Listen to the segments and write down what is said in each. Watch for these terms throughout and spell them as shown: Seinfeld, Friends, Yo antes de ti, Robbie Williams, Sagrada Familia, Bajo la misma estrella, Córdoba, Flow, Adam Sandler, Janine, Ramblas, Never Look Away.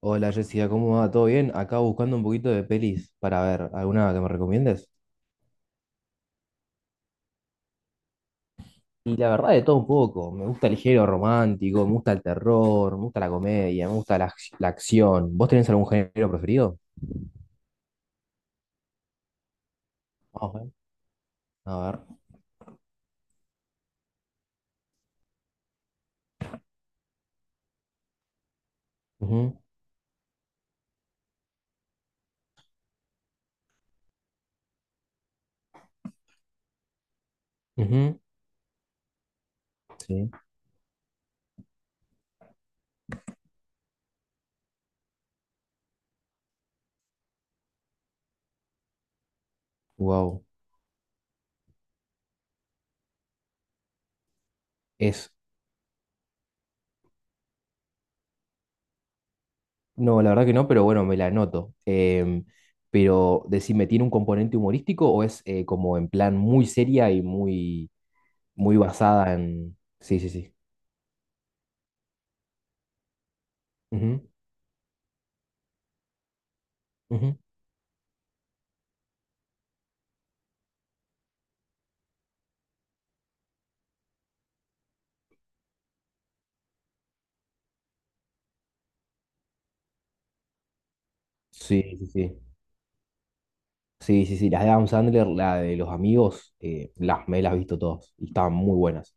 Hola Jessica, ¿cómo va? ¿Todo bien? Acá buscando un poquito de pelis para ver, ¿alguna que me recomiendes? Y la verdad de todo un poco, me gusta el género romántico, me gusta el terror, me gusta la comedia, me gusta la acción. ¿Vos tenés algún género preferido? Vamos a ver. A ver. Ujú, ujú, sí. Wow. Es. No, la verdad que no, pero bueno, me la anoto. Pero decime, ¿tiene un componente humorístico o es como en plan muy seria y muy basada en. Sí, sí, sí. Ujú, ujú. Sí, sí, sí. Sí, sí, sí. Las de Adam Sandler, la de los amigos, las, me las he visto todas. Y estaban muy buenas.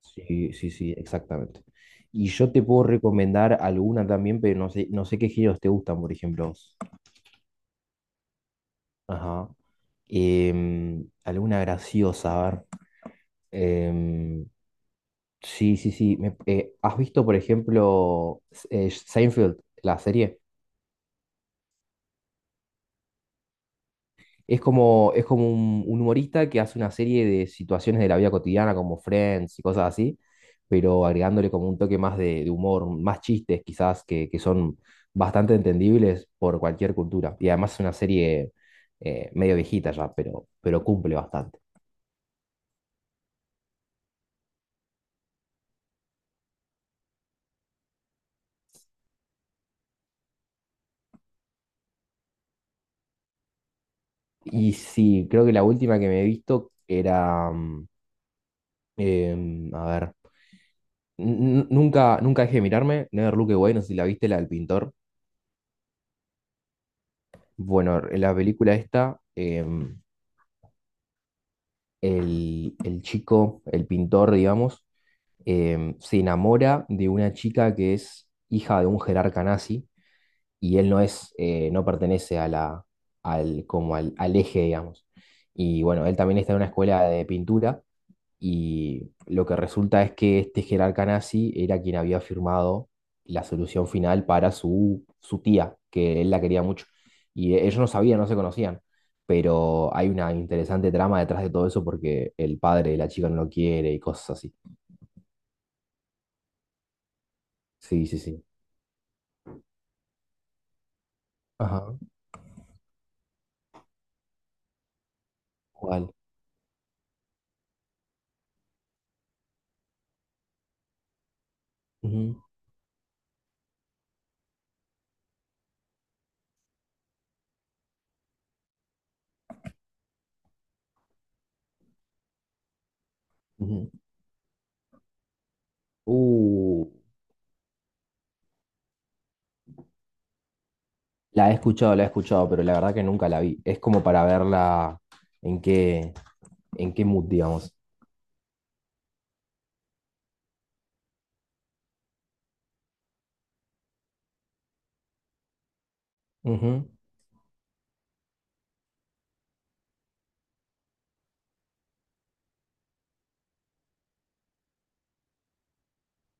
Sí, sí, sí, exactamente. Y yo te puedo recomendar alguna también, pero no sé, no sé qué géneros te gustan, por ejemplo. Ajá. Alguna graciosa, a ver. Em, sí, sí, sí. ¿Has visto, por ejemplo, Seinfeld, la serie? Es como un humorista que hace una serie de situaciones de la vida cotidiana, como Friends y cosas así, pero agregándole como un toque más de humor, más chistes quizás que son bastante entendibles por cualquier cultura. Y además es una serie medio viejita ya, pero cumple bastante. Y sí, creo que la última que me he visto era, a ver, nunca dejé de mirarme, Never Look Away, no sé si la viste, la del pintor. Bueno, la película esta... el chico, el pintor, digamos, se enamora de una chica que es hija de un jerarca nazi y él no es, no pertenece a como al eje, digamos. Y bueno, él también está en una escuela de pintura y lo que resulta es que este jerarca nazi era quien había firmado la solución final para su, su tía, que él la quería mucho. Y ellos no sabían, no se conocían. Pero hay una interesante trama detrás de todo eso porque el padre de la chica no lo quiere y cosas así. Sí, sí, sí. Ajá. ¿Cuál? Ujú, ujú. Uh, la he escuchado, pero la verdad que nunca la vi. Es como para verla en qué, en qué mood, digamos. Ujú.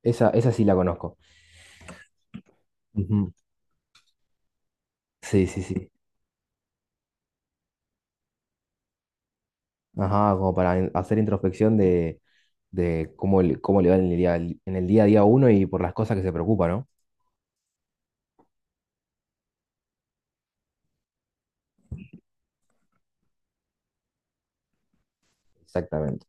Esa sí la conozco. Ujú. Sí, sí, sí. Ajá, como para hacer introspección de cómo, cómo le va en el día a día a uno y por las cosas que se preocupa, ¿no? Exactamente.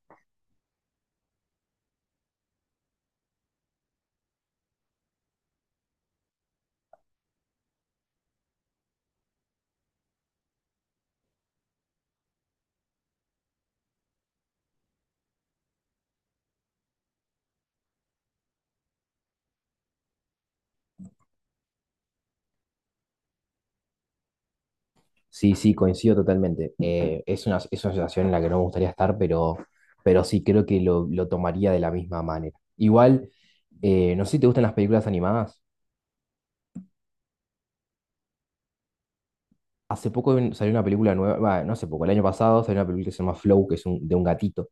Sí, sí, coincido totalmente. Es una, es una situación en la que no me gustaría estar, pero sí creo que lo tomaría de la misma manera. Igual, no sé si te gustan las películas animadas. Hace poco salió una película nueva, bah, no hace poco, el año pasado salió una película que se llama Flow, que es de un gatito.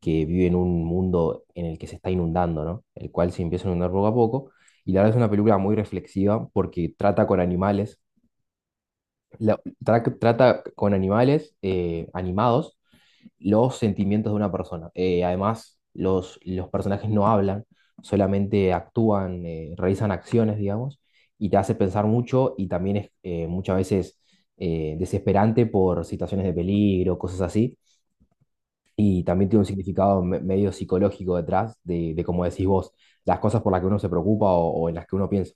Que vive en un mundo en el que se está inundando, ¿no? El cual se empieza a inundar poco a poco. Y la verdad es una película muy reflexiva porque trata con animales, trata con animales animados los sentimientos de una persona. Además, los personajes no hablan, solamente actúan, realizan acciones, digamos, y te hace pensar mucho y también es muchas veces desesperante por situaciones de peligro, cosas así. Y también tiene un significado medio psicológico detrás de, como decís vos, las cosas por las que uno se preocupa o en las que uno piensa.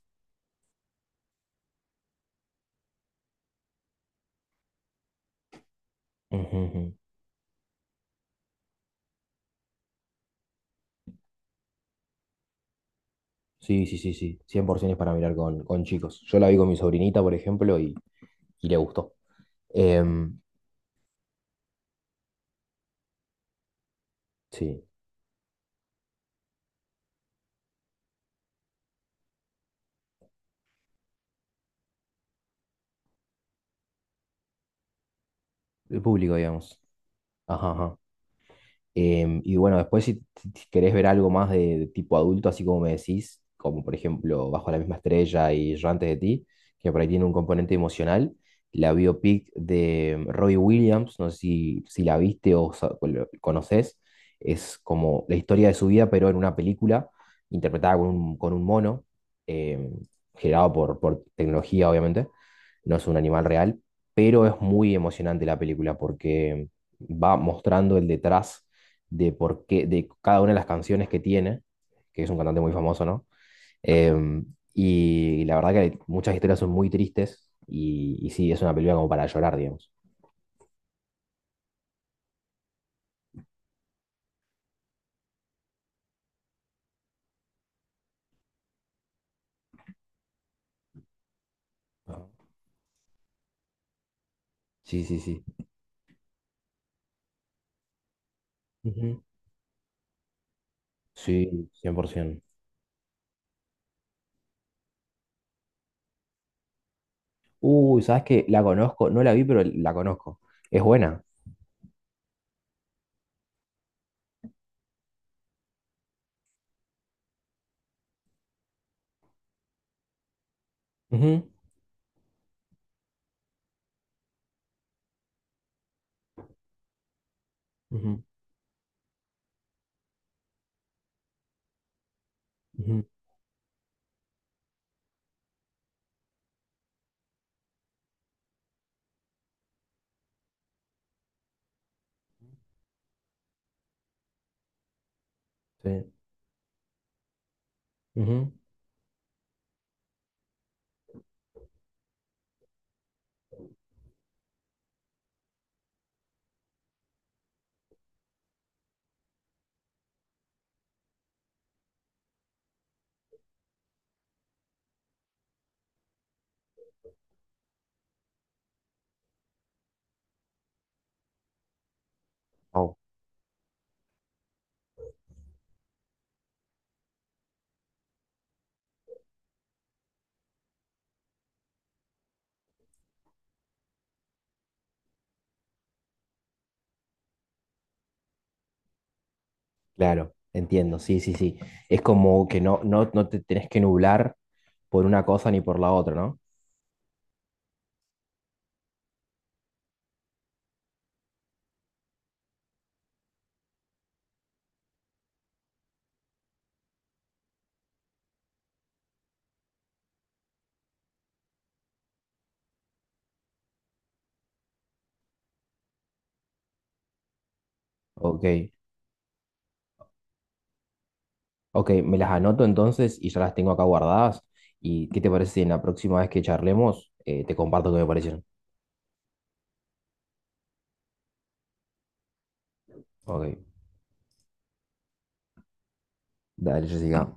Ujú, ujú. Sí, sí, sí, sí. 100% es para mirar con chicos. Yo la vi con mi sobrinita, por ejemplo, y le gustó. Em, sí, de público, digamos. Ajá, ajá. Y bueno, después si querés ver algo más de tipo adulto, así como me decís, como por ejemplo Bajo la misma estrella y Yo antes de ti, que por ahí tiene un componente emocional, la biopic de Robbie Williams, no sé si la viste o conoces, es como la historia de su vida, pero en una película interpretada con con un mono, em, generado por tecnología, obviamente, no es un animal real, pero es muy emocionante la película porque va mostrando el detrás de por qué, de cada una de las canciones que tiene, que es un cantante muy famoso, ¿no? Em, y la verdad que muchas historias son muy tristes y sí, es una película como para llorar, digamos. Ah. Sí, sí, sí. Ujú. Sí, 100%. Uy, ¿sabes qué? La conozco, no la vi, pero la conozco. Es buena. Ujú, ujú, ujú, sí, ujú. Oh, claro, entiendo, sí, sí, sí. Es como que no, no, no te tenés que nublar por una cosa ni por la otra, ¿no? Ok, ok, me las anoto entonces y ya las tengo acá guardadas. ¿Y qué te parece si en la próxima vez que charlemos te comparto qué me parecieron? Ok, dale, Jessica.